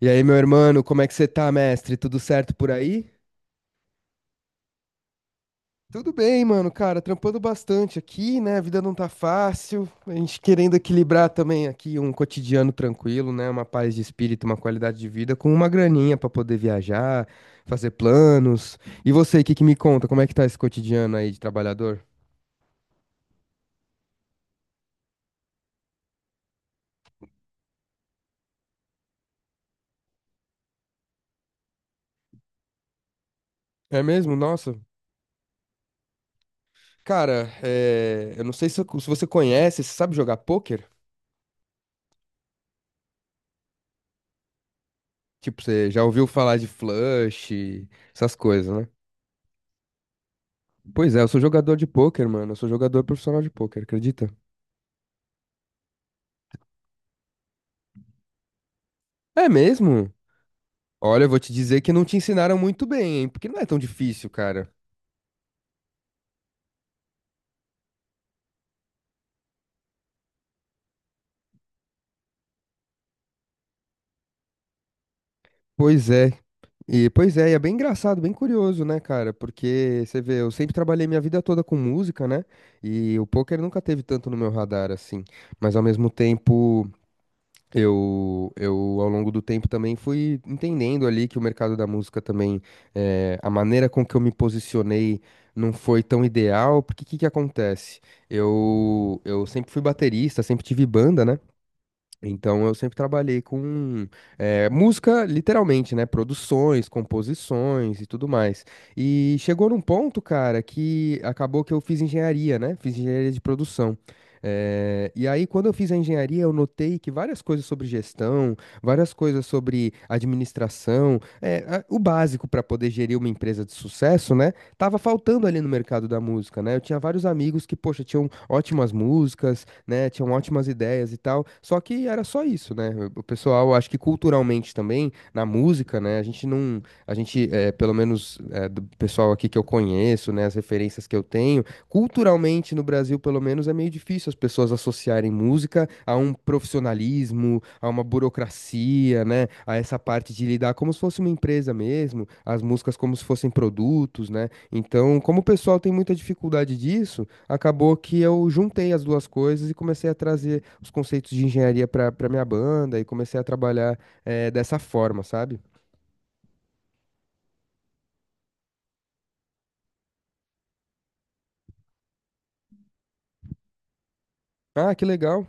E aí, meu irmão, como é que você tá, mestre? Tudo certo por aí? Tudo bem, mano, cara, trampando bastante aqui, né? A vida não tá fácil. A gente querendo equilibrar também aqui um cotidiano tranquilo, né? Uma paz de espírito, uma qualidade de vida com uma graninha pra poder viajar, fazer planos. E você, o que que me conta? Como é que tá esse cotidiano aí de trabalhador? É mesmo? Nossa. Cara, eu não sei se você conhece, você sabe jogar pôquer? Tipo, você já ouviu falar de flush, essas coisas. Pois é, eu sou jogador de pôquer, mano. Eu sou jogador profissional de pôquer, acredita? É mesmo? Olha, eu vou te dizer que não te ensinaram muito bem, hein? Porque não é tão difícil, cara. Pois é. E, pois é, e é bem engraçado, bem curioso, né, cara? Porque você vê, eu sempre trabalhei minha vida toda com música, né? E o poker nunca teve tanto no meu radar assim. Mas ao mesmo tempo. Eu ao longo do tempo, também fui entendendo ali que o mercado da música também, a maneira com que eu me posicionei não foi tão ideal, porque o que que acontece? Eu sempre fui baterista, sempre tive banda, né? Então eu sempre trabalhei com música, literalmente, né? Produções, composições e tudo mais. E chegou num ponto, cara, que acabou que eu fiz engenharia, né? Fiz engenharia de produção. E aí, quando eu fiz a engenharia, eu notei que várias coisas sobre gestão, várias coisas sobre administração, o básico para poder gerir uma empresa de sucesso, né? Tava faltando ali no mercado da música, né? Eu tinha vários amigos que, poxa, tinham ótimas músicas, né? Tinham ótimas ideias e tal. Só que era só isso, né? O pessoal, acho que culturalmente também, na música, né? A gente não, pelo menos do pessoal aqui que eu conheço, né? As referências que eu tenho, culturalmente no Brasil, pelo menos, é meio difícil as pessoas associarem música a um profissionalismo, a uma burocracia, né? A essa parte de lidar como se fosse uma empresa mesmo, as músicas como se fossem produtos, né? Então, como o pessoal tem muita dificuldade disso, acabou que eu juntei as duas coisas e comecei a trazer os conceitos de engenharia para minha banda e comecei a trabalhar dessa forma, sabe? Ah, que legal.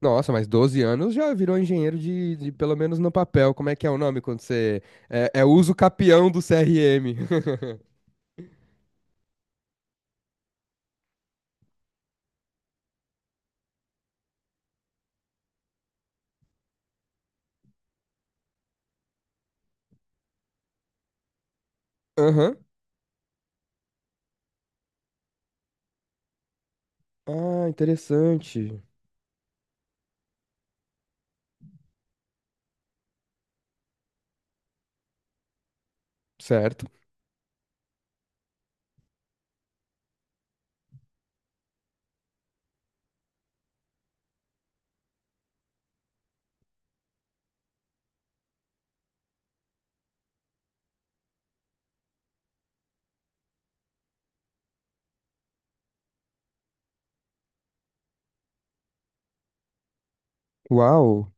Nossa, mas 12 anos já virou engenheiro pelo menos no papel. Como é que é o nome quando você é, é uso capião do CRM? Aham. Ah, interessante. Certo. Uau.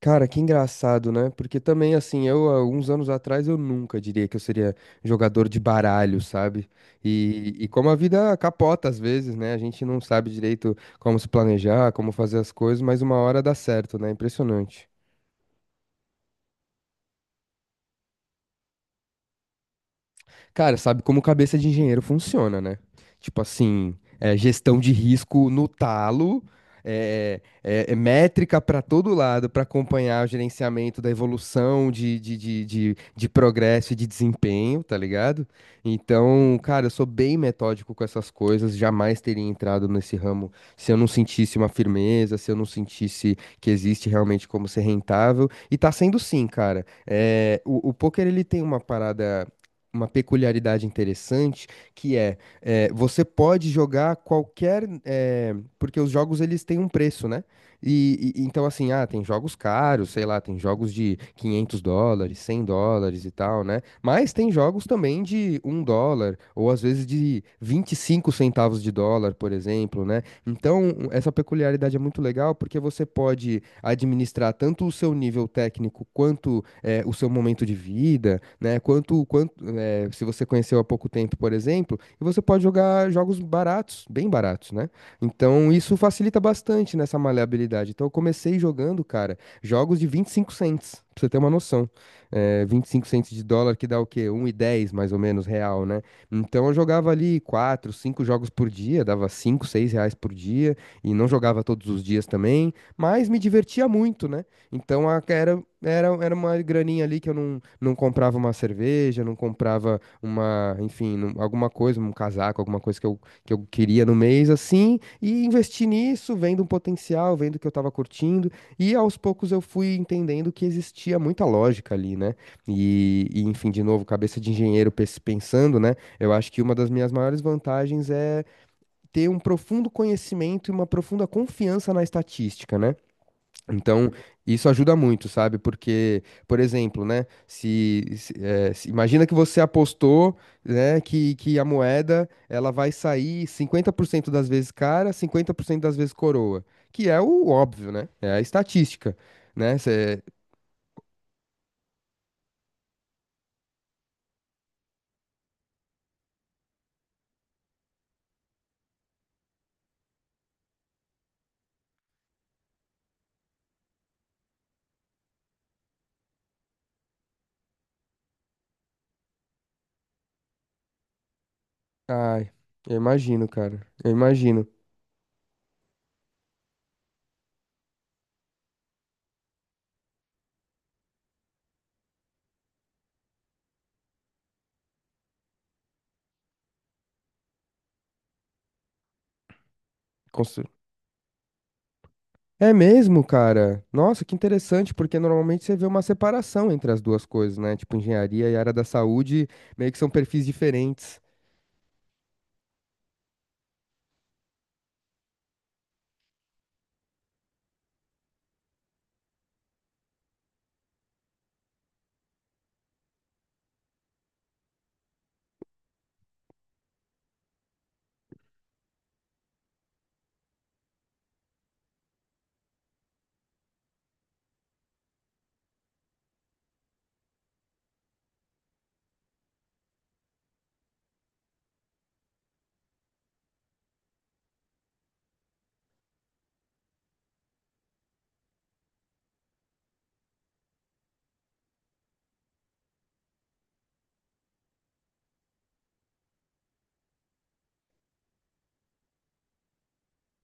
Cara, que engraçado, né? Porque também, assim, eu, há uns anos atrás, eu nunca diria que eu seria jogador de baralho, sabe? E como a vida capota às vezes, né? A gente não sabe direito como se planejar, como fazer as coisas, mas uma hora dá certo, né? Impressionante. Cara, sabe como cabeça de engenheiro funciona, né? Tipo assim, gestão de risco no talo, é métrica para todo lado para acompanhar o gerenciamento da evolução de progresso e de desempenho, tá ligado? Então, cara, eu sou bem metódico com essas coisas, jamais teria entrado nesse ramo se eu não sentisse uma firmeza, se eu não sentisse que existe realmente como ser rentável. E tá sendo sim, cara. É, o poker ele tem uma parada, uma peculiaridade interessante que é, é, você pode jogar qualquer porque os jogos eles têm um preço, né? Então assim, ah, tem jogos caros, sei lá, tem jogos de US$ 500, US$ 100 e tal, né? Mas tem jogos também de US$ 1 ou às vezes de US$ 0,25, por exemplo, né? Então, essa peculiaridade é muito legal porque você pode administrar tanto o seu nível técnico quanto o seu momento de vida, né? Quanto, se você conheceu há pouco tempo, por exemplo, e você pode jogar jogos baratos, bem baratos, né? Então isso facilita bastante nessa maleabilidade. Então eu comecei jogando, cara, jogos de 25 cents, pra você ter uma noção. É, 25 cents de dólar que dá o quê? Um e dez, mais ou menos real, né? Então eu jogava ali 4, 5 jogos por dia, dava 5, 6 reais por dia, e não jogava todos os dias também, mas me divertia muito, né? Então era uma graninha ali que eu não, não comprava uma cerveja, não comprava uma, enfim, alguma coisa, um casaco, alguma coisa que eu queria no mês, assim, e investi nisso, vendo um potencial, vendo que eu tava curtindo, e aos poucos eu fui entendendo que existia muita lógica ali, né? E, enfim, de novo, cabeça de engenheiro pensando, né? Eu acho que uma das minhas maiores vantagens é ter um profundo conhecimento e uma profunda confiança na estatística, né? Então, isso ajuda muito, sabe? Porque, por exemplo, né? Imagina que você apostou, né, que a moeda ela vai sair 50% das vezes cara, 50% das vezes coroa, que é o óbvio, né? É a estatística, né? Ai, eu imagino, cara. Eu imagino. Constru- É mesmo, cara? Nossa, que interessante, porque normalmente você vê uma separação entre as duas coisas, né? Tipo, engenharia e área da saúde meio que são perfis diferentes.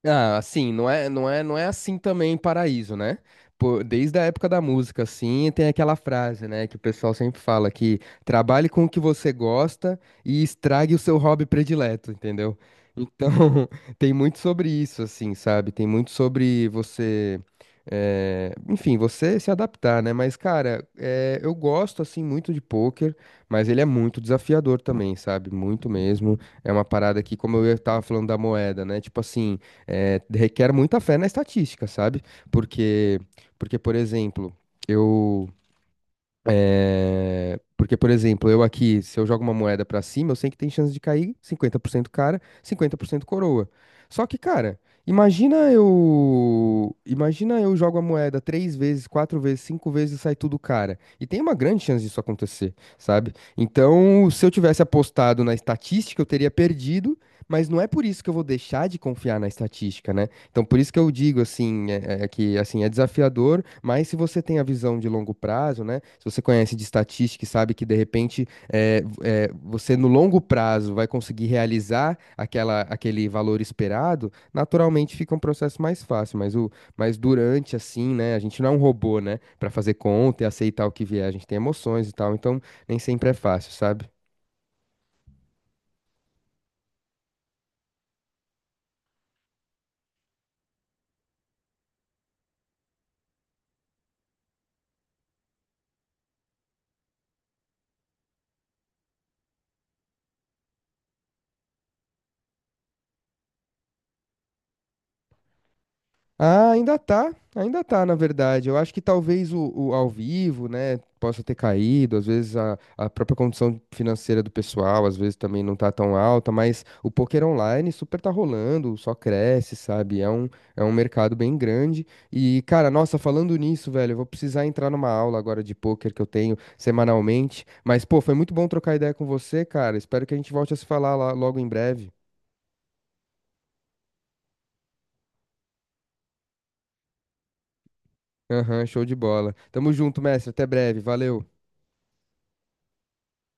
Ah, assim, não é assim também em Paraíso, né? Pô, desde a época da música, assim, tem aquela frase, né, que o pessoal sempre fala que trabalhe com o que você gosta e estrague o seu hobby predileto, entendeu? Então, tem muito sobre isso, assim, sabe? Tem muito sobre você, enfim, você se adaptar, né? Mas, cara, eu gosto, assim, muito de pôquer, mas ele é muito desafiador também, sabe? Muito mesmo. É uma parada que, como eu tava falando da moeda, né? Tipo assim, é, requer muita fé na estatística, sabe? Porque, por exemplo, eu, por exemplo, eu aqui, se eu jogo uma moeda pra cima, eu sei que tem chance de cair 50% cara, 50% coroa. Só que, cara, imagina eu jogo a moeda três vezes, quatro vezes, cinco vezes e sai tudo cara. E tem uma grande chance disso acontecer, sabe? Então, se eu tivesse apostado na estatística, eu teria perdido, mas não é por isso que eu vou deixar de confiar na estatística, né? Então, por isso que eu digo assim, é que assim é desafiador, mas se você tem a visão de longo prazo, né? Se você conhece de estatística e sabe que de repente você no longo prazo vai conseguir realizar aquela, aquele valor esperado, naturalmente fica um processo mais fácil. Mas durante assim, né? A gente não é um robô, né? Para fazer conta e aceitar o que vier, a gente tem emoções e tal. Então, nem sempre é fácil, sabe? Ah, ainda tá, na verdade. Eu acho que talvez o ao vivo, né, possa ter caído, às vezes a própria condição financeira do pessoal, às vezes também não tá tão alta, mas o poker online super tá rolando, só cresce, sabe? É um mercado bem grande. E, cara, nossa, falando nisso, velho, eu vou precisar entrar numa aula agora de poker que eu tenho semanalmente. Mas, pô, foi muito bom trocar ideia com você, cara. Espero que a gente volte a se falar lá logo em breve. Aham, show de bola. Tamo junto, mestre. Até breve. Valeu.